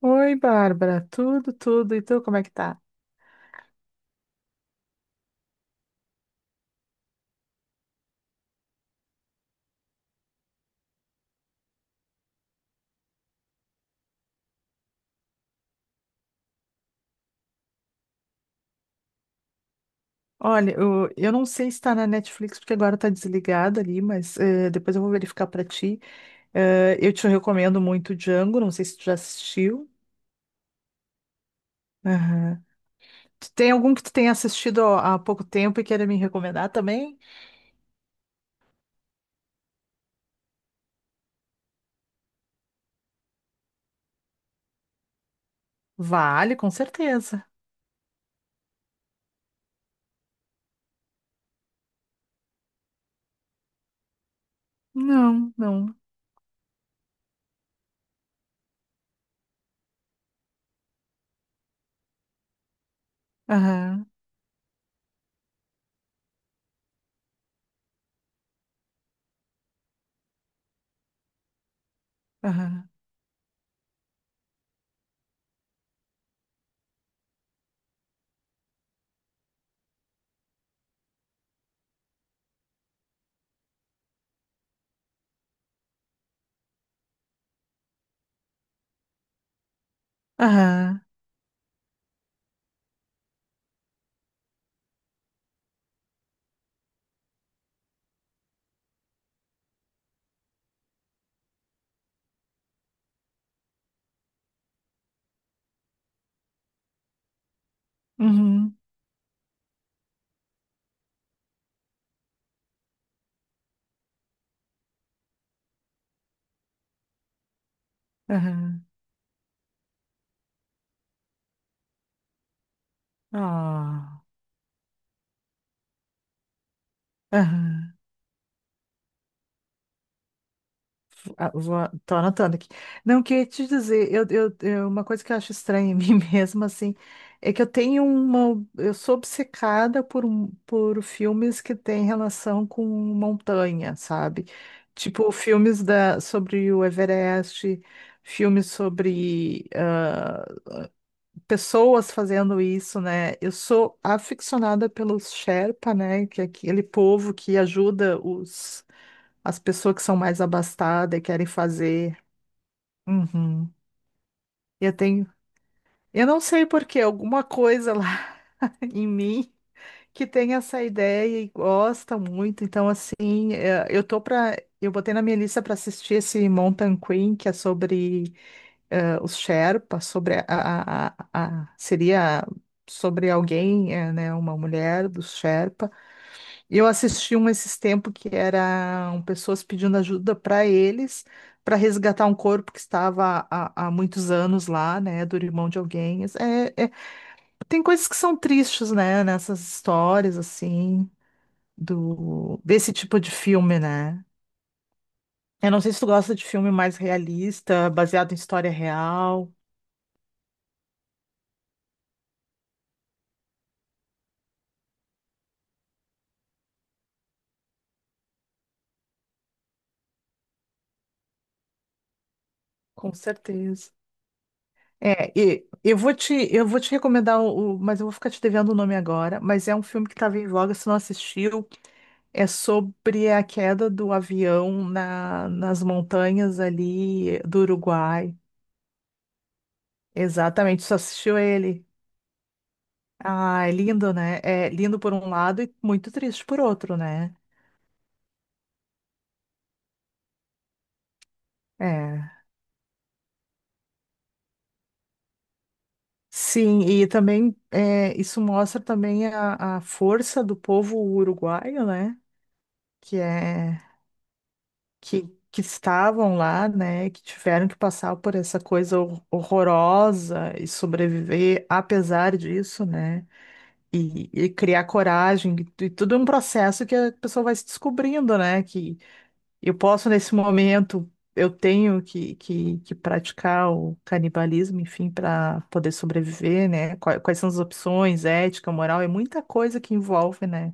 Oi, Bárbara, tudo, tudo. E tu, como é que tá? Olha, eu não sei se tá na Netflix, porque agora tá desligada ali, mas depois eu vou verificar pra ti. Eu te recomendo muito Django, não sei se tu já assistiu. Aham. Tu tem algum que tu tenha assistido há pouco tempo e queira me recomendar também? Vale, com certeza. Não, não. Aham, aham, aham, uhum, aham, ah, aham. Ah, vou, tô anotando aqui. Não, queria te dizer, uma coisa que eu acho estranha em mim mesma, assim, é que eu tenho uma. Eu sou obcecada por filmes que têm relação com montanha, sabe? Tipo, filmes sobre o Everest, filmes sobre pessoas fazendo isso, né? Eu sou aficionada pelos Sherpa, né? Que é aquele povo que ajuda as pessoas que são mais abastadas e querem fazer. Uhum. Eu tenho, eu não sei por quê, alguma coisa lá em mim que tem essa ideia e gosta muito. Então, assim, eu botei na minha lista para assistir esse Mountain Queen, que é sobre os Sherpas, sobre seria sobre alguém, né, uma mulher dos Sherpa. E eu assisti um esses tempos que eram pessoas pedindo ajuda para eles para resgatar um corpo que estava há muitos anos lá, né, do irmão de alguém. Assim, tem coisas que são tristes, né, nessas histórias assim do desse tipo de filme, né? Eu não sei se tu gosta de filme mais realista, baseado em história real. Com certeza. É, e eu vou te recomendar mas eu vou ficar te devendo o nome agora, mas é um filme que estava em voga, se não assistiu. É sobre a queda do avião nas montanhas ali do Uruguai. Exatamente, só assistiu ele. Ah, é lindo, né? É lindo por um lado e muito triste por outro, né? É. Sim, e também é, isso mostra também a força do povo uruguaio, né? Que é que, que estavam lá, né? Que tiveram que passar por essa coisa horrorosa e sobreviver apesar disso, né? E criar coragem, e tudo é um processo que a pessoa vai se descobrindo, né? Que eu posso, nesse momento, eu tenho que praticar o canibalismo, enfim, para poder sobreviver, né? Quais são as opções, ética, moral, é muita coisa que envolve, né?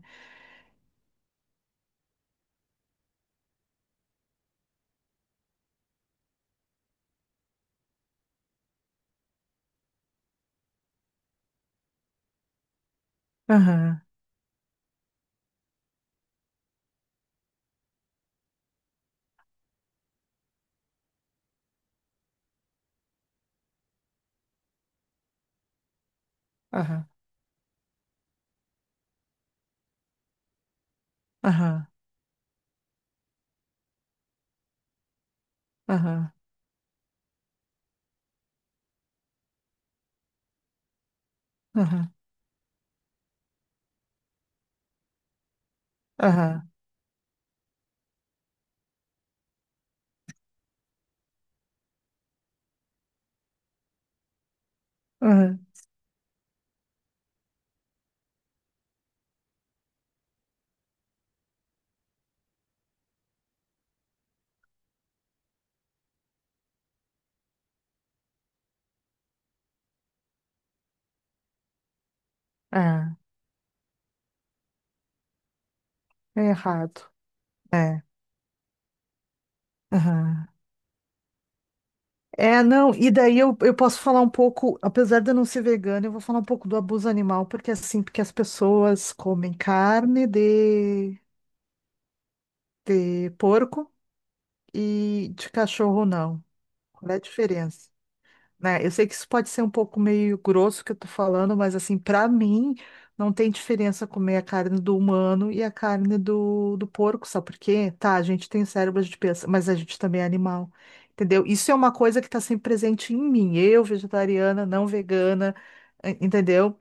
Aham, aham, aham, aham, aham, aham, aham, aham, é, é errado, é, aham. É, não, e daí eu posso falar um pouco, apesar de eu não ser vegana, eu vou falar um pouco do abuso animal, porque é assim, porque as pessoas comem carne de porco e de cachorro não. Qual é a diferença? Né? Eu sei que isso pode ser um pouco meio grosso que eu tô falando, mas assim, pra mim, não tem diferença comer a carne do humano e a carne do porco, sabe por quê? Tá, a gente tem cérebro de pensa, mas a gente também é animal, entendeu? Isso é uma coisa que tá sempre presente em mim, eu, vegetariana, não vegana, entendeu?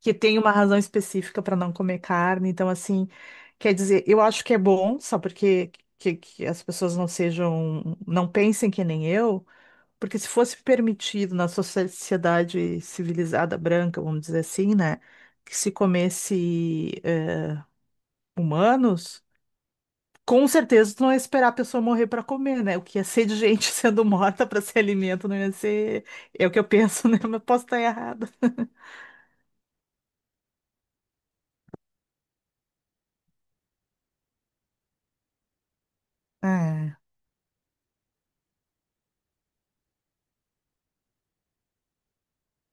Que tem uma razão específica para não comer carne, então assim, quer dizer, eu acho que é bom, só porque que as pessoas não sejam, não pensem que nem eu. Porque se fosse permitido na sociedade civilizada branca, vamos dizer assim, né, que se comesse humanos, com certeza tu não ia esperar a pessoa morrer para comer, né? O que ia ser de gente sendo morta para ser alimento não ia ser. É o que eu penso, né? Mas posso estar errada. É,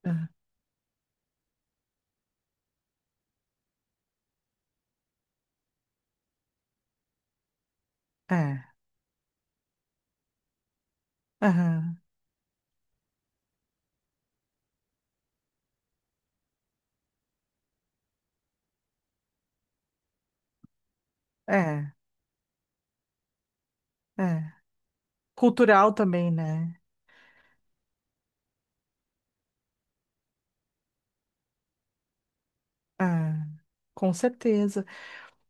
é, é, aham, é, é. Cultural também, né? É, com certeza.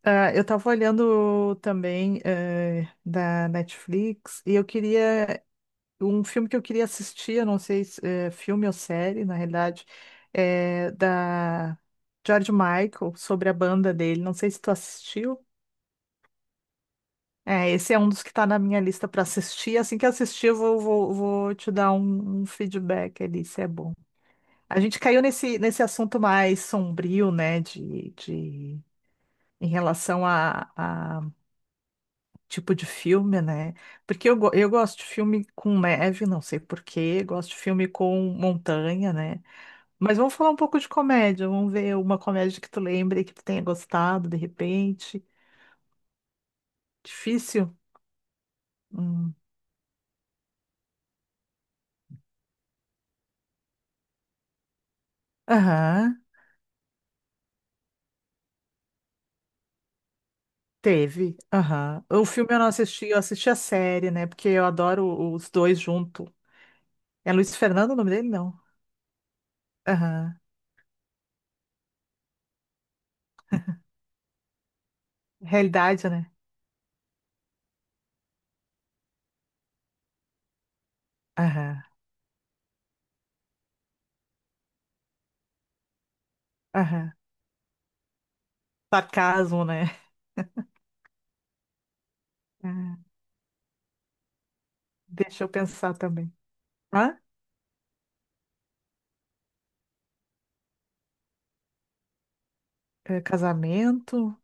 Ah, eu tava olhando também da Netflix e eu queria um filme que eu queria assistir, eu não sei se é filme ou série, na realidade, é da George Michael, sobre a banda dele. Não sei se tu assistiu. É, esse é um dos que tá na minha lista para assistir. Assim que assistir, eu vou te dar um feedback ali, se é bom. A gente caiu nesse assunto mais sombrio, né, em relação a tipo de filme, né? Porque eu gosto de filme com neve, não sei por quê, gosto de filme com montanha, né? Mas vamos falar um pouco de comédia. Vamos ver uma comédia que tu lembre que tu tenha gostado, de repente. Difícil? Hum. Aham, teve. Aham. O filme eu não assisti, eu assisti a série, né? Porque eu adoro os dois junto. É Luiz Fernando o nome dele? Não. Aham. Realidade, né? Aham. Aham. Sarcasmo, né? Ah, deixa eu pensar também. Hã? É, casamento.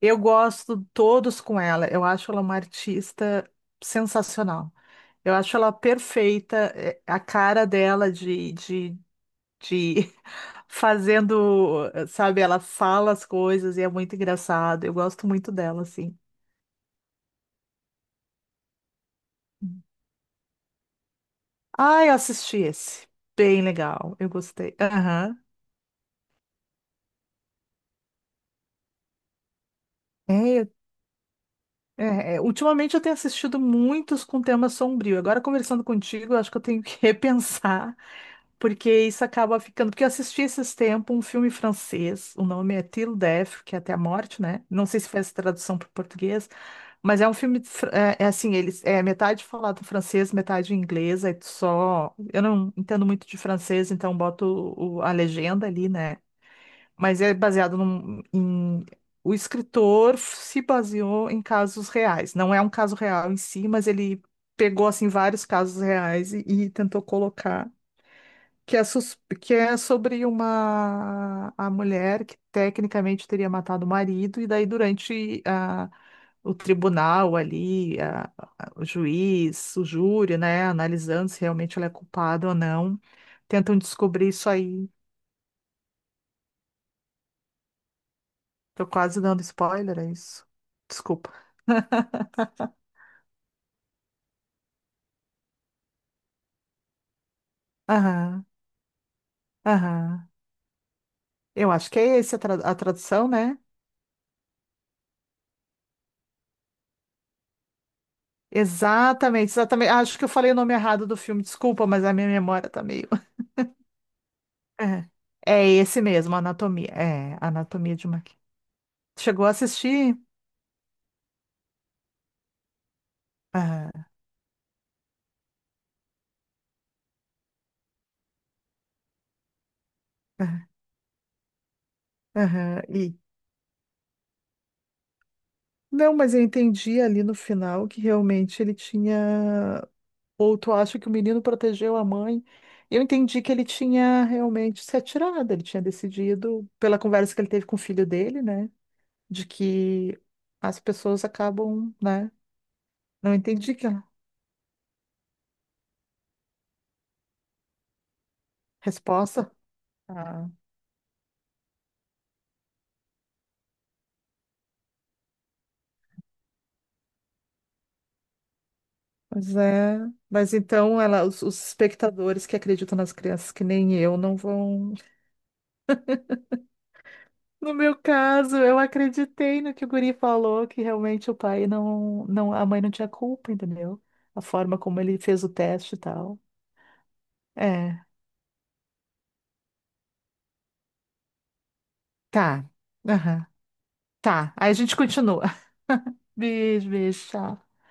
Eu gosto todos com ela. Eu acho ela uma artista sensacional. Eu acho ela perfeita, é, a cara dela de, de fazendo, sabe, ela fala as coisas e é muito engraçado. Eu gosto muito dela, assim. Ah, eu assisti esse. Bem legal, eu gostei. Aham. É, é, é, ultimamente eu tenho assistido muitos com tema sombrio. Agora, conversando contigo, eu acho que eu tenho que repensar. Porque isso acaba ficando. Porque eu assisti esses tempos um filme francês, o nome é Till Death, que é até a morte, né? Não sei se fez tradução para o português, mas é um filme, é, é assim, eles é metade falado em francês, metade em inglês, aí tu só. Eu não entendo muito de francês, então boto a legenda ali, né? Mas é baseado num, em. O escritor se baseou em casos reais. Não é um caso real em si, mas ele pegou assim vários casos reais e tentou colocar que é sobre uma a mulher que tecnicamente teria matado o marido, e daí durante o tribunal ali, o juiz, o júri, né, analisando se realmente ela é culpada ou não, tentam descobrir isso aí. Tô quase dando spoiler, é isso? Desculpa. Aham, aham. Eu acho que é esse a, a tradução, né? Exatamente, exatamente. Acho que eu falei o nome errado do filme, desculpa, mas a minha memória tá meio. É, é esse mesmo, Anatomia. É, Anatomia de uma. Queda. Chegou a assistir? Ah, ah, aham, e... Não, mas eu entendi ali no final que realmente ele tinha. Ou tu acha que o menino protegeu a mãe? Eu entendi que ele tinha realmente se atirado, ele tinha decidido, pela conversa que ele teve com o filho dele, né? De que as pessoas acabam, né? Não entendi que a resposta. Mas é. Mas então ela, os espectadores que acreditam nas crianças, que nem eu, não vão. No meu caso, eu acreditei no que o guri falou, que realmente o pai não, não, a mãe não tinha culpa, entendeu? A forma como ele fez o teste e tal. É, tá. Aham. Tá. Aí a gente continua. Beijo, beijo, tchau.